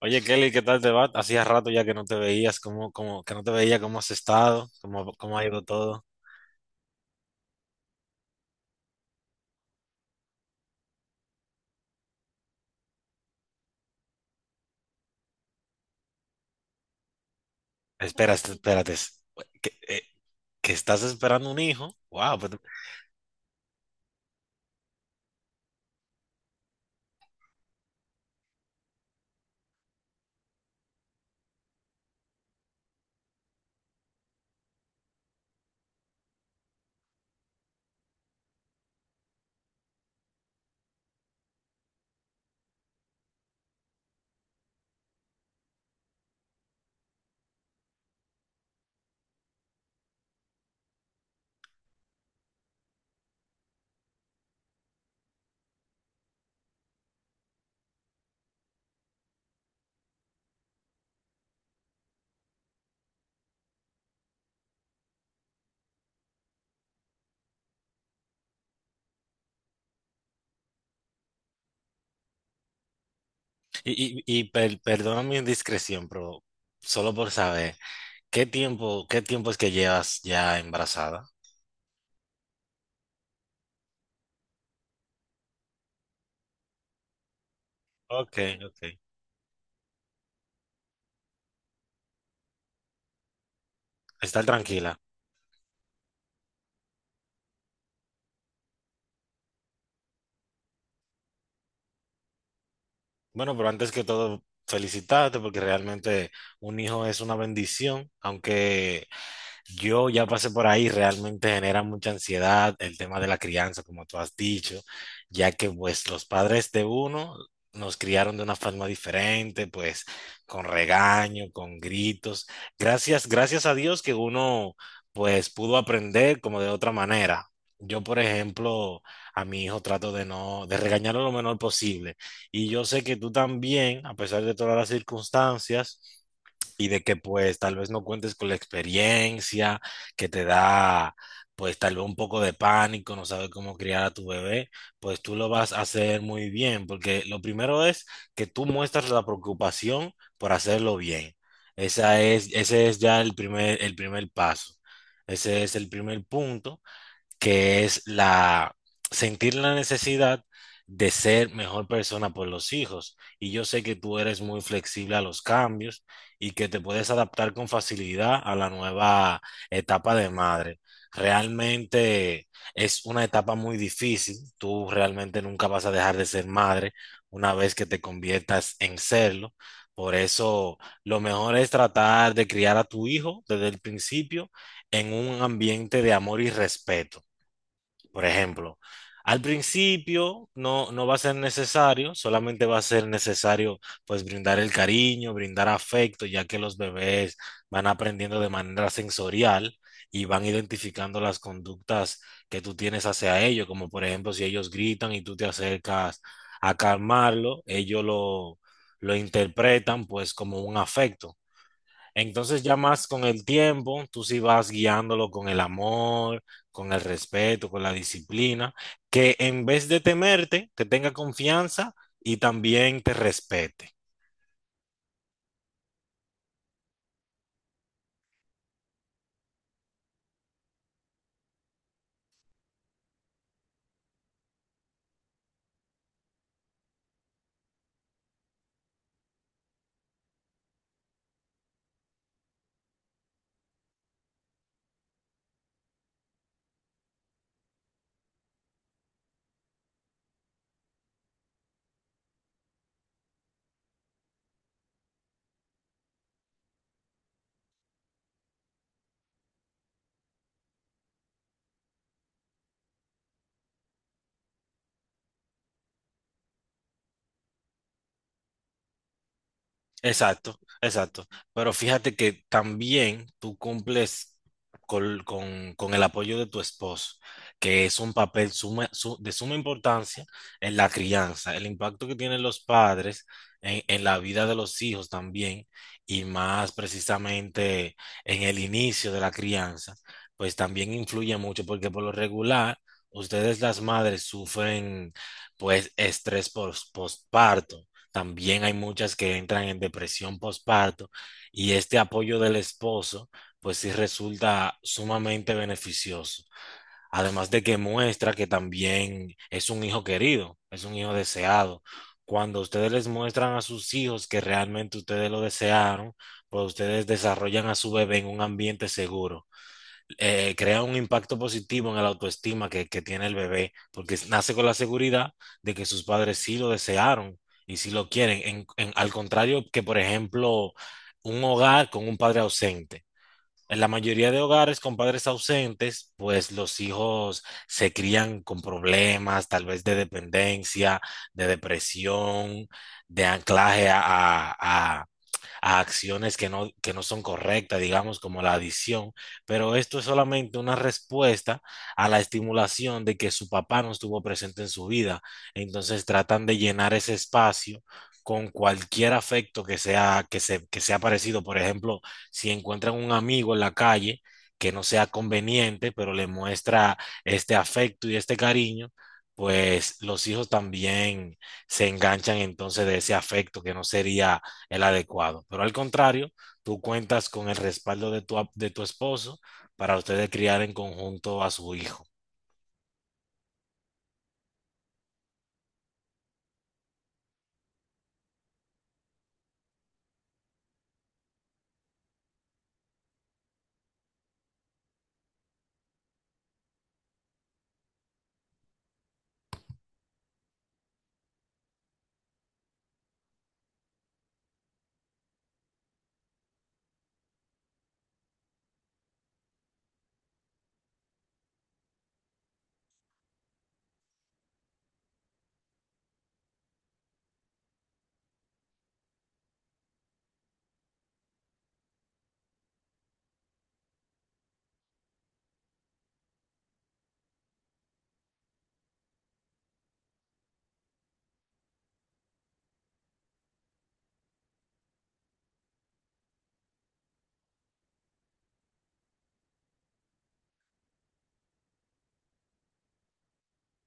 Oye, Kelly, ¿qué tal te va? Hacía rato ya que no te veías, ¿cómo, cómo, que no te veía, cómo has estado, cómo ha ido todo. Espera, espérate. ¿Que, eh, que estás esperando un hijo. Wow. Perdona mi indiscreción, pero solo por saber, ¿qué tiempo es que llevas ya embarazada? Ok, ok. Estar tranquila. Bueno, pero antes que todo, felicitarte porque realmente un hijo es una bendición. Aunque yo ya pasé por ahí, realmente genera mucha ansiedad el tema de la crianza, como tú has dicho, ya que pues los padres de uno nos criaron de una forma diferente, pues con regaño, con gritos. Gracias, gracias a Dios que uno pues pudo aprender como de otra manera. Yo, por ejemplo, a mi hijo trato de no, de regañarlo lo menor posible. Y yo sé que tú también, a pesar de todas las circunstancias, pues, y de que pues tal vez no cuentes con la experiencia que te da pues tal vez un poco de pánico, no sabes cómo criar a tu bebé, pues tú lo vas a hacer muy bien, porque lo primero es que tú muestras la preocupación por hacerlo bien. Ese es ya el primer paso. Ese es el primer punto, que es la sentir la necesidad de ser mejor persona por los hijos. Y yo sé que tú eres muy flexible a los cambios y que te puedes adaptar con facilidad a la nueva etapa de madre. Realmente es una etapa muy difícil. Tú realmente nunca vas a dejar de ser madre una vez que te conviertas en serlo. Por eso lo mejor es tratar de criar a tu hijo desde el principio en un ambiente de amor y respeto. Por ejemplo, al principio no va a ser necesario, solamente va a ser necesario pues brindar el cariño, brindar afecto, ya que los bebés van aprendiendo de manera sensorial y van identificando las conductas que tú tienes hacia ellos, como por ejemplo si ellos gritan y tú te acercas a calmarlo, lo interpretan pues como un afecto. Entonces ya más con el tiempo, tú sí vas guiándolo con el amor, con el respeto, con la disciplina, que en vez de temerte, te tenga confianza y también te respete. Exacto, exacto. Pero fíjate que también tú cumples con el apoyo de tu esposo, que es un papel de suma importancia en la crianza, el impacto que tienen los padres en la vida de los hijos también, y más precisamente en el inicio de la crianza, pues también influye mucho, porque por lo regular, ustedes las madres sufren pues estrés postparto. También hay muchas que entran en depresión postparto, y este apoyo del esposo, pues sí resulta sumamente beneficioso. Además de que muestra que también es un hijo querido, es un hijo deseado. Cuando ustedes les muestran a sus hijos que realmente ustedes lo desearon, pues ustedes desarrollan a su bebé en un ambiente seguro. Crea un impacto positivo en la autoestima que tiene el bebé, porque nace con la seguridad de que sus padres sí lo desearon y sí lo quieren, al contrario que, por ejemplo, un hogar con un padre ausente. En la mayoría de hogares con padres ausentes, pues los hijos se crían con problemas, tal vez de dependencia, de depresión, de anclaje a a acciones que no son correctas, digamos, como la adicción, pero esto es solamente una respuesta a la estimulación de que su papá no estuvo presente en su vida. Entonces tratan de llenar ese espacio con cualquier afecto que sea parecido. Por ejemplo, si encuentran un amigo en la calle que no sea conveniente, pero le muestra este afecto y este cariño, pues los hijos también se enganchan entonces de ese afecto que no sería el adecuado. Pero al contrario, tú cuentas con el respaldo de tu esposo para ustedes criar en conjunto a su hijo.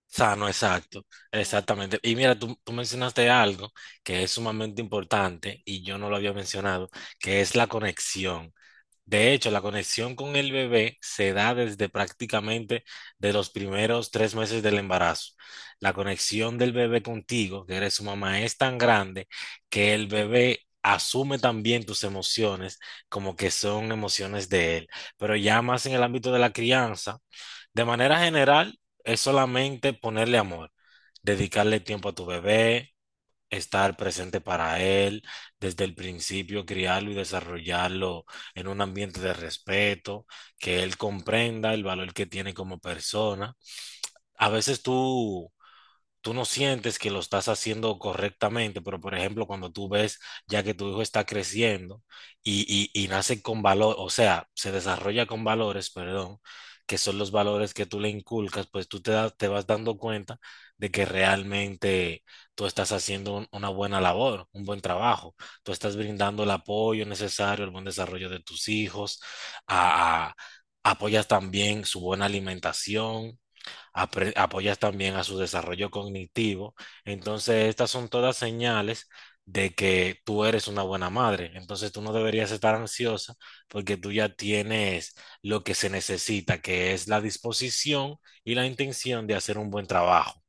Sano, exacto, exactamente. Y mira, tú mencionaste algo que es sumamente importante y yo no lo había mencionado, que es la conexión. De hecho, la conexión con el bebé se da desde prácticamente de los primeros 3 meses del embarazo. La conexión del bebé contigo, que eres su mamá, es tan grande que el bebé asume también tus emociones como que son emociones de él. Pero ya más en el ámbito de la crianza, de manera general, es solamente ponerle amor, dedicarle tiempo a tu bebé, estar presente para él desde el principio, criarlo y desarrollarlo en un ambiente de respeto, que él comprenda el valor que tiene como persona. A veces tú no sientes que lo estás haciendo correctamente, pero por ejemplo, cuando tú ves ya que tu hijo está creciendo y, y nace con valor, o sea, se desarrolla con valores, perdón, que son los valores que tú le inculcas, pues te vas dando cuenta de que realmente tú estás haciendo una buena labor, un buen trabajo, tú estás brindando el apoyo necesario, el buen desarrollo de tus hijos, a- a- apoyas también su buena alimentación, apoyas también a su desarrollo cognitivo. Entonces, estas son todas señales de que tú eres una buena madre. Entonces, tú no deberías estar ansiosa porque tú ya tienes lo que se necesita, que es la disposición y la intención de hacer un buen trabajo.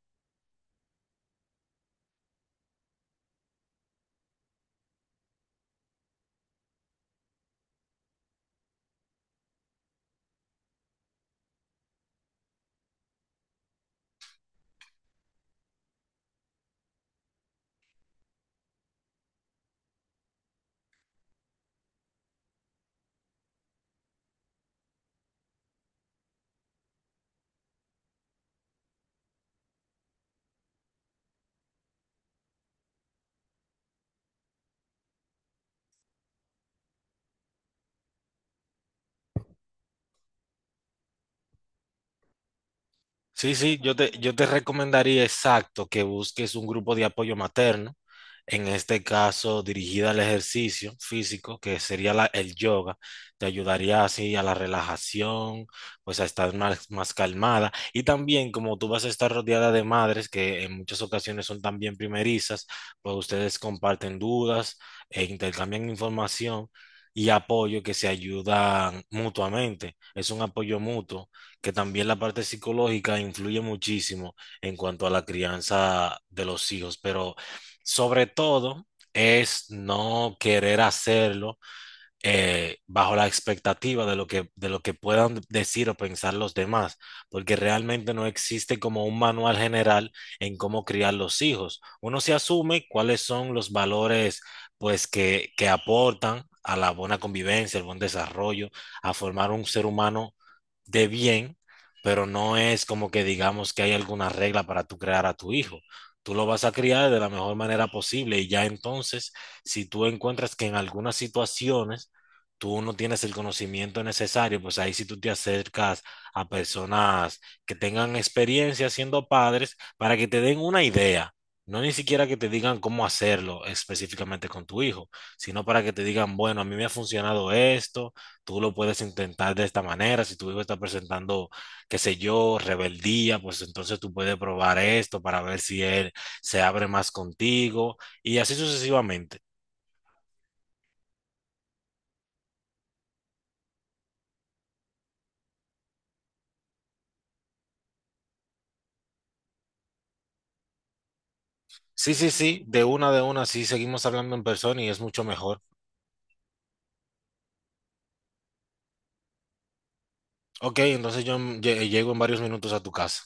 Sí, sí, yo te recomendaría exacto que busques un grupo de apoyo materno, en este caso dirigida al ejercicio físico, que sería el yoga, te ayudaría así a la relajación, pues a estar más calmada. Y también como tú vas a estar rodeada de madres que en muchas ocasiones son también primerizas, pues ustedes comparten dudas e intercambian información y apoyo que se ayudan mutuamente. Es un apoyo mutuo que también la parte psicológica influye muchísimo en cuanto a la crianza de los hijos, pero sobre todo es no querer hacerlo bajo la expectativa de lo que puedan decir o pensar los demás, porque realmente no existe como un manual general en cómo criar los hijos. Uno se asume cuáles son los valores pues que aportan a la buena convivencia, al buen desarrollo, a formar un ser humano de bien, pero no es como que digamos que hay alguna regla para tú crear a tu hijo. Tú lo vas a criar de la mejor manera posible y ya entonces, si tú encuentras que en algunas situaciones tú no tienes el conocimiento necesario, pues ahí sí tú te acercas a personas que tengan experiencia siendo padres para que te den una idea. No ni siquiera que te digan cómo hacerlo específicamente con tu hijo, sino para que te digan, bueno, a mí me ha funcionado esto, tú lo puedes intentar de esta manera, si tu hijo está presentando, qué sé yo, rebeldía, pues entonces tú puedes probar esto para ver si él se abre más contigo y así sucesivamente. Sí, sí, sí, de una, sí, seguimos hablando en persona y es mucho mejor. Ok, entonces yo llego en varios minutos a tu casa.